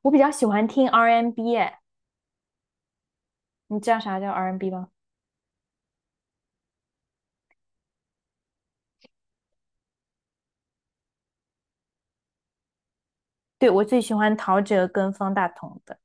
我比较喜欢听 R&B，N 哎，你知道啥叫 R&B N 吗？对，我最喜欢陶喆跟方大同的，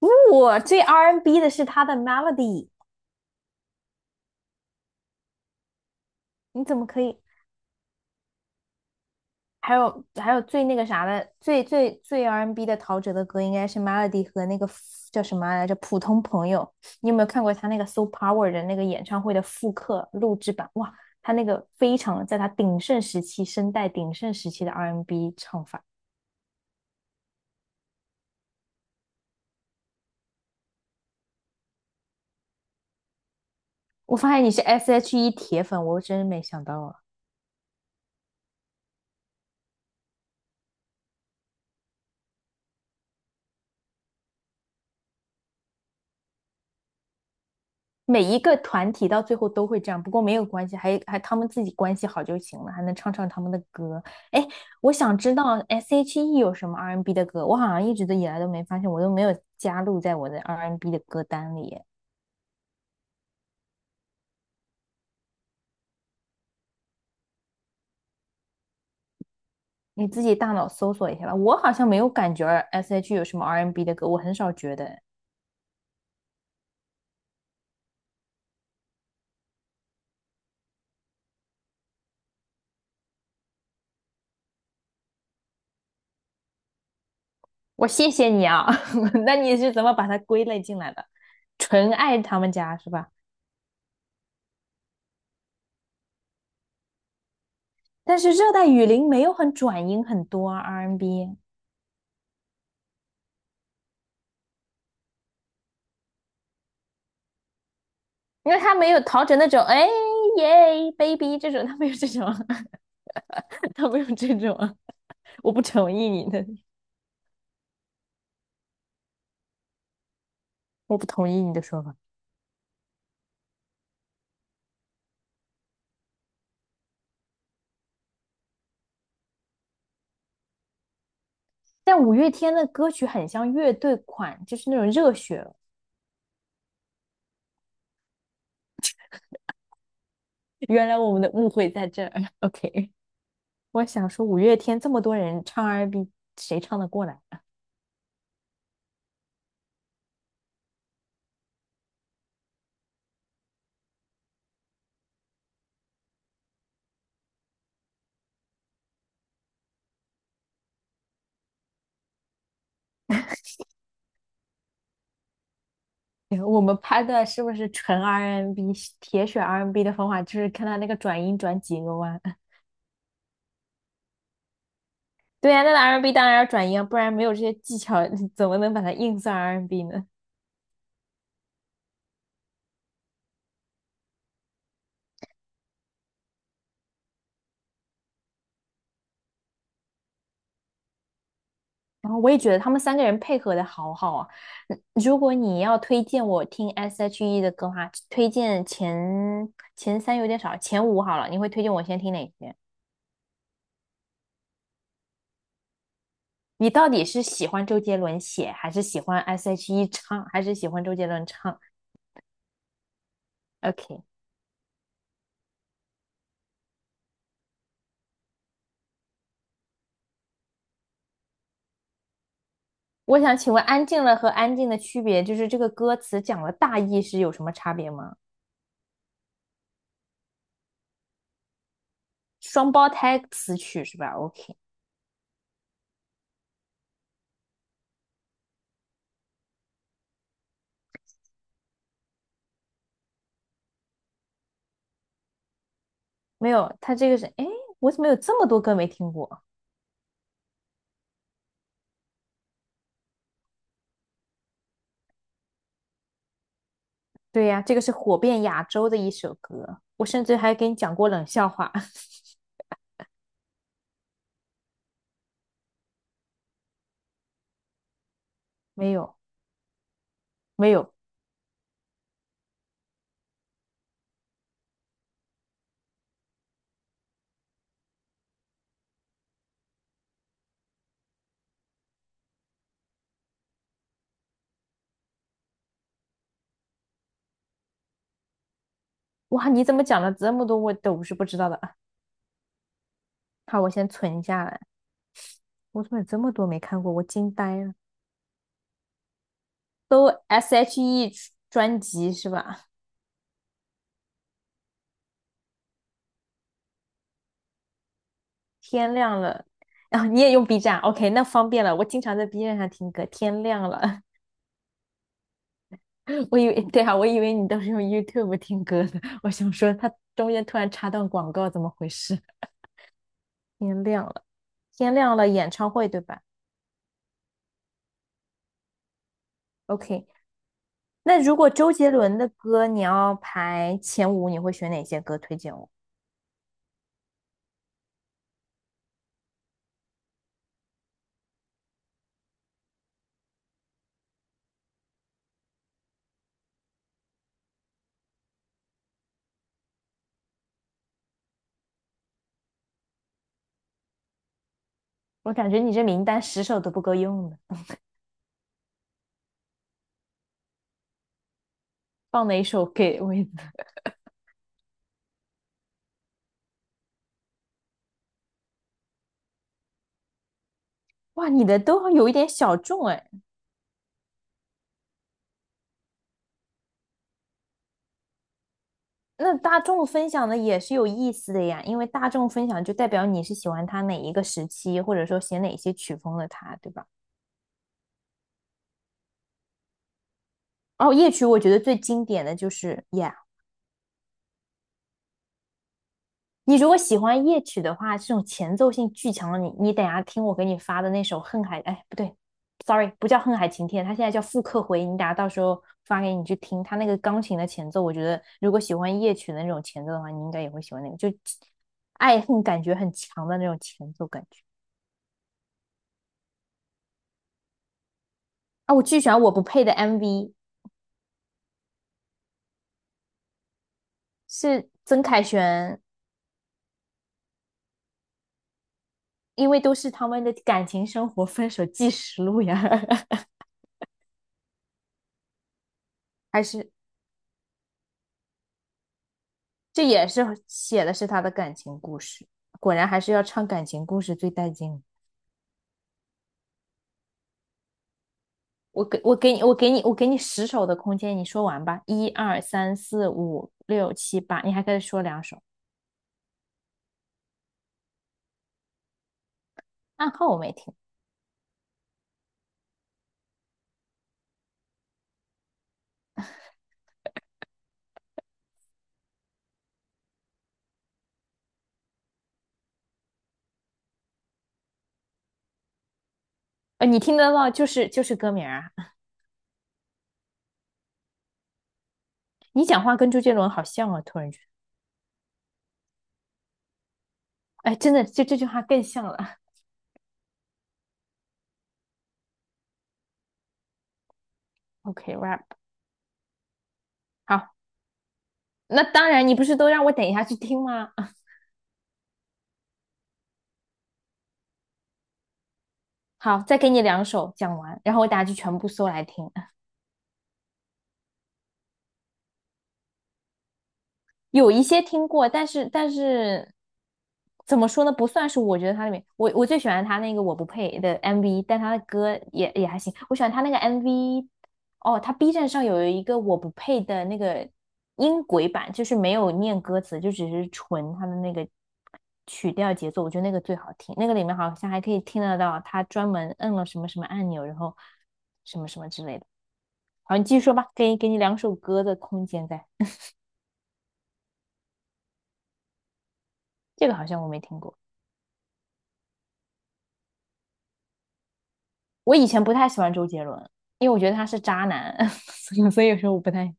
因为我最 R&B N 的是他的 Melody。你怎么可以？还有最那个啥的，最最最 R&B N 的陶喆的歌应该是 Melody 和那个叫什么来着？普通朋友。你有没有看过他那个 So Power 的那个演唱会的复刻录制版？哇，他那个非常在他鼎盛时期，声带鼎盛时期的 R&B N 唱法。我发现你是 S.H.E 铁粉，我真没想到啊。每一个团体到最后都会这样，不过没有关系，还他们自己关系好就行了，还能唱唱他们的歌。哎，我想知道 S.H.E 有什么 R&B N 的歌，我好像一直都以来都没发现，我都没有加入在我的 R&B N 的歌单里。你自己大脑搜索一下吧，我好像没有感觉 S.H.E 有什么 R&B N 的歌，我很少觉得。我谢谢你啊，那你是怎么把它归类进来的？纯爱他们家是吧？但是热带雨林没有很转音很多啊 R N b， 因为他没有陶喆那种哎耶 baby 这种，他没有这种，他没有这种。我不同意你的，我不同意你的说法。但五月天的歌曲很像乐队款，就是那种热血。原来我们的误会在这儿。OK，我想说五月天这么多人唱 R&B，n 谁唱得过来？我们拍的是不是纯 R&B n 铁血 R&B n 的方法，就是看他那个转音转几个弯。对呀、啊，那个 R&B n 当然要转音啊，不然没有这些技巧，怎么能把它硬算 R&B n 呢？然后我也觉得他们三个人配合的好好啊。如果你要推荐我听 S.H.E 的歌的话，推荐前三有点少，前五好了。你会推荐我先听哪些？你到底是喜欢周杰伦写，还是喜欢 S.H.E 唱，还是喜欢周杰伦唱？OK，我想请问《安静了》和《安静》的区别，就是这个歌词讲的大意是有什么差别吗？双胞胎词曲是吧？OK，没有，他这个是，哎，我怎么有这么多歌没听过？对呀，这个是火遍亚洲的一首歌，我甚至还给你讲过冷笑话，没有，没有，哇，你怎么讲了这么多我都是不知道的？好，我先存下来，我怎么有这么多没看过？我惊呆了，都 S.H.E 专辑是吧？天亮了，啊！你也用 B 站，OK，那方便了，我经常在 B 站上听歌，天亮了，我以为对啊，我以为你都是用 YouTube 听歌的，我想说它中间突然插段广告，怎么回事？天亮了，天亮了，演唱会对吧？OK，那如果周杰伦的歌你要排前五，你会选哪些歌推荐我？我感觉你这名单十首都不够用的，放哪一首给我一个哇，你的都有一点小众哎。那大众分享的也是有意思的呀，因为大众分享就代表你是喜欢他哪一个时期，或者说写哪些曲风的他，对吧？哦，夜曲我觉得最经典的就是《Yeah》，你如果喜欢夜曲的话，这种前奏性巨强的你等一下听我给你发的那首《恨海》，哎，不对，sorry，不叫《恨海晴天》，它现在叫《复刻回》，你等一下到时候发给你去听。它那个钢琴的前奏，我觉得如果喜欢夜曲的那种前奏的话，你应该也会喜欢那个，就爱恨感觉很强的那种前奏感觉啊。我巨喜欢《我不配》的 MV，是曾凯旋，因为都是他们的感情生活分手纪实录呀，还是这也是写的是他的感情故事。果然还是要唱感情故事最带劲。我给你十首的空间，你说完吧。一二三四五六七八，你还可以说两首。暗号我没听，你听得到就是歌名啊。你讲话跟周杰伦好像啊，突然觉得，哎，真的，就这句话更像了。OK，rap，、好，那当然，你不是都让我等一下去听吗？好，再给你两首讲完，然后我等下就全部搜来听。有一些听过，但是怎么说呢？不算是我觉得他里面，我最喜欢他那个我不配的 MV，但他的歌也还行。我喜欢他那个 MV，哦，他 B 站上有一个我不配的那个音轨版，就是没有念歌词，就只是纯他的那个曲调节奏，我觉得那个最好听。那个里面好像还可以听得到他专门摁了什么什么按钮，然后什么什么之类的。好，你继续说吧，给你两首歌的空间在，这个好像我没听过。我以前不太喜欢周杰伦，因为我觉得他是渣男，所以说我不太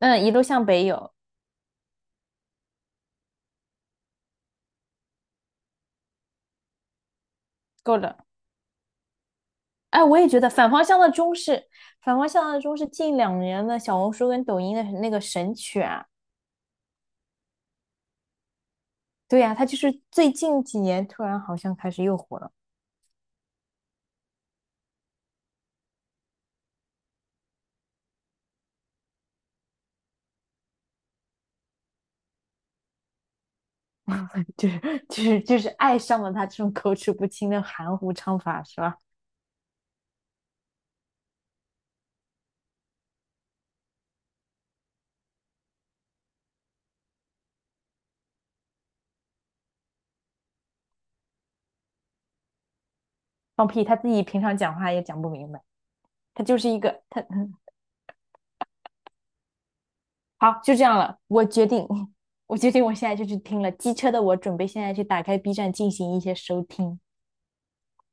嗯，一路向北有够了。哎，我也觉得反方向的钟是近两年的小红书跟抖音的那个神曲啊。对呀、啊他就是最近几年突然好像开始又火了，就是就是爱上了他这种口齿不清的含糊唱法，是吧？放屁，他自己平常讲话也讲不明白，他就是一个他好，就这样了。我决定，我决定，我现在就去听了《机车的我》，准备现在去打开 B 站进行一些收听。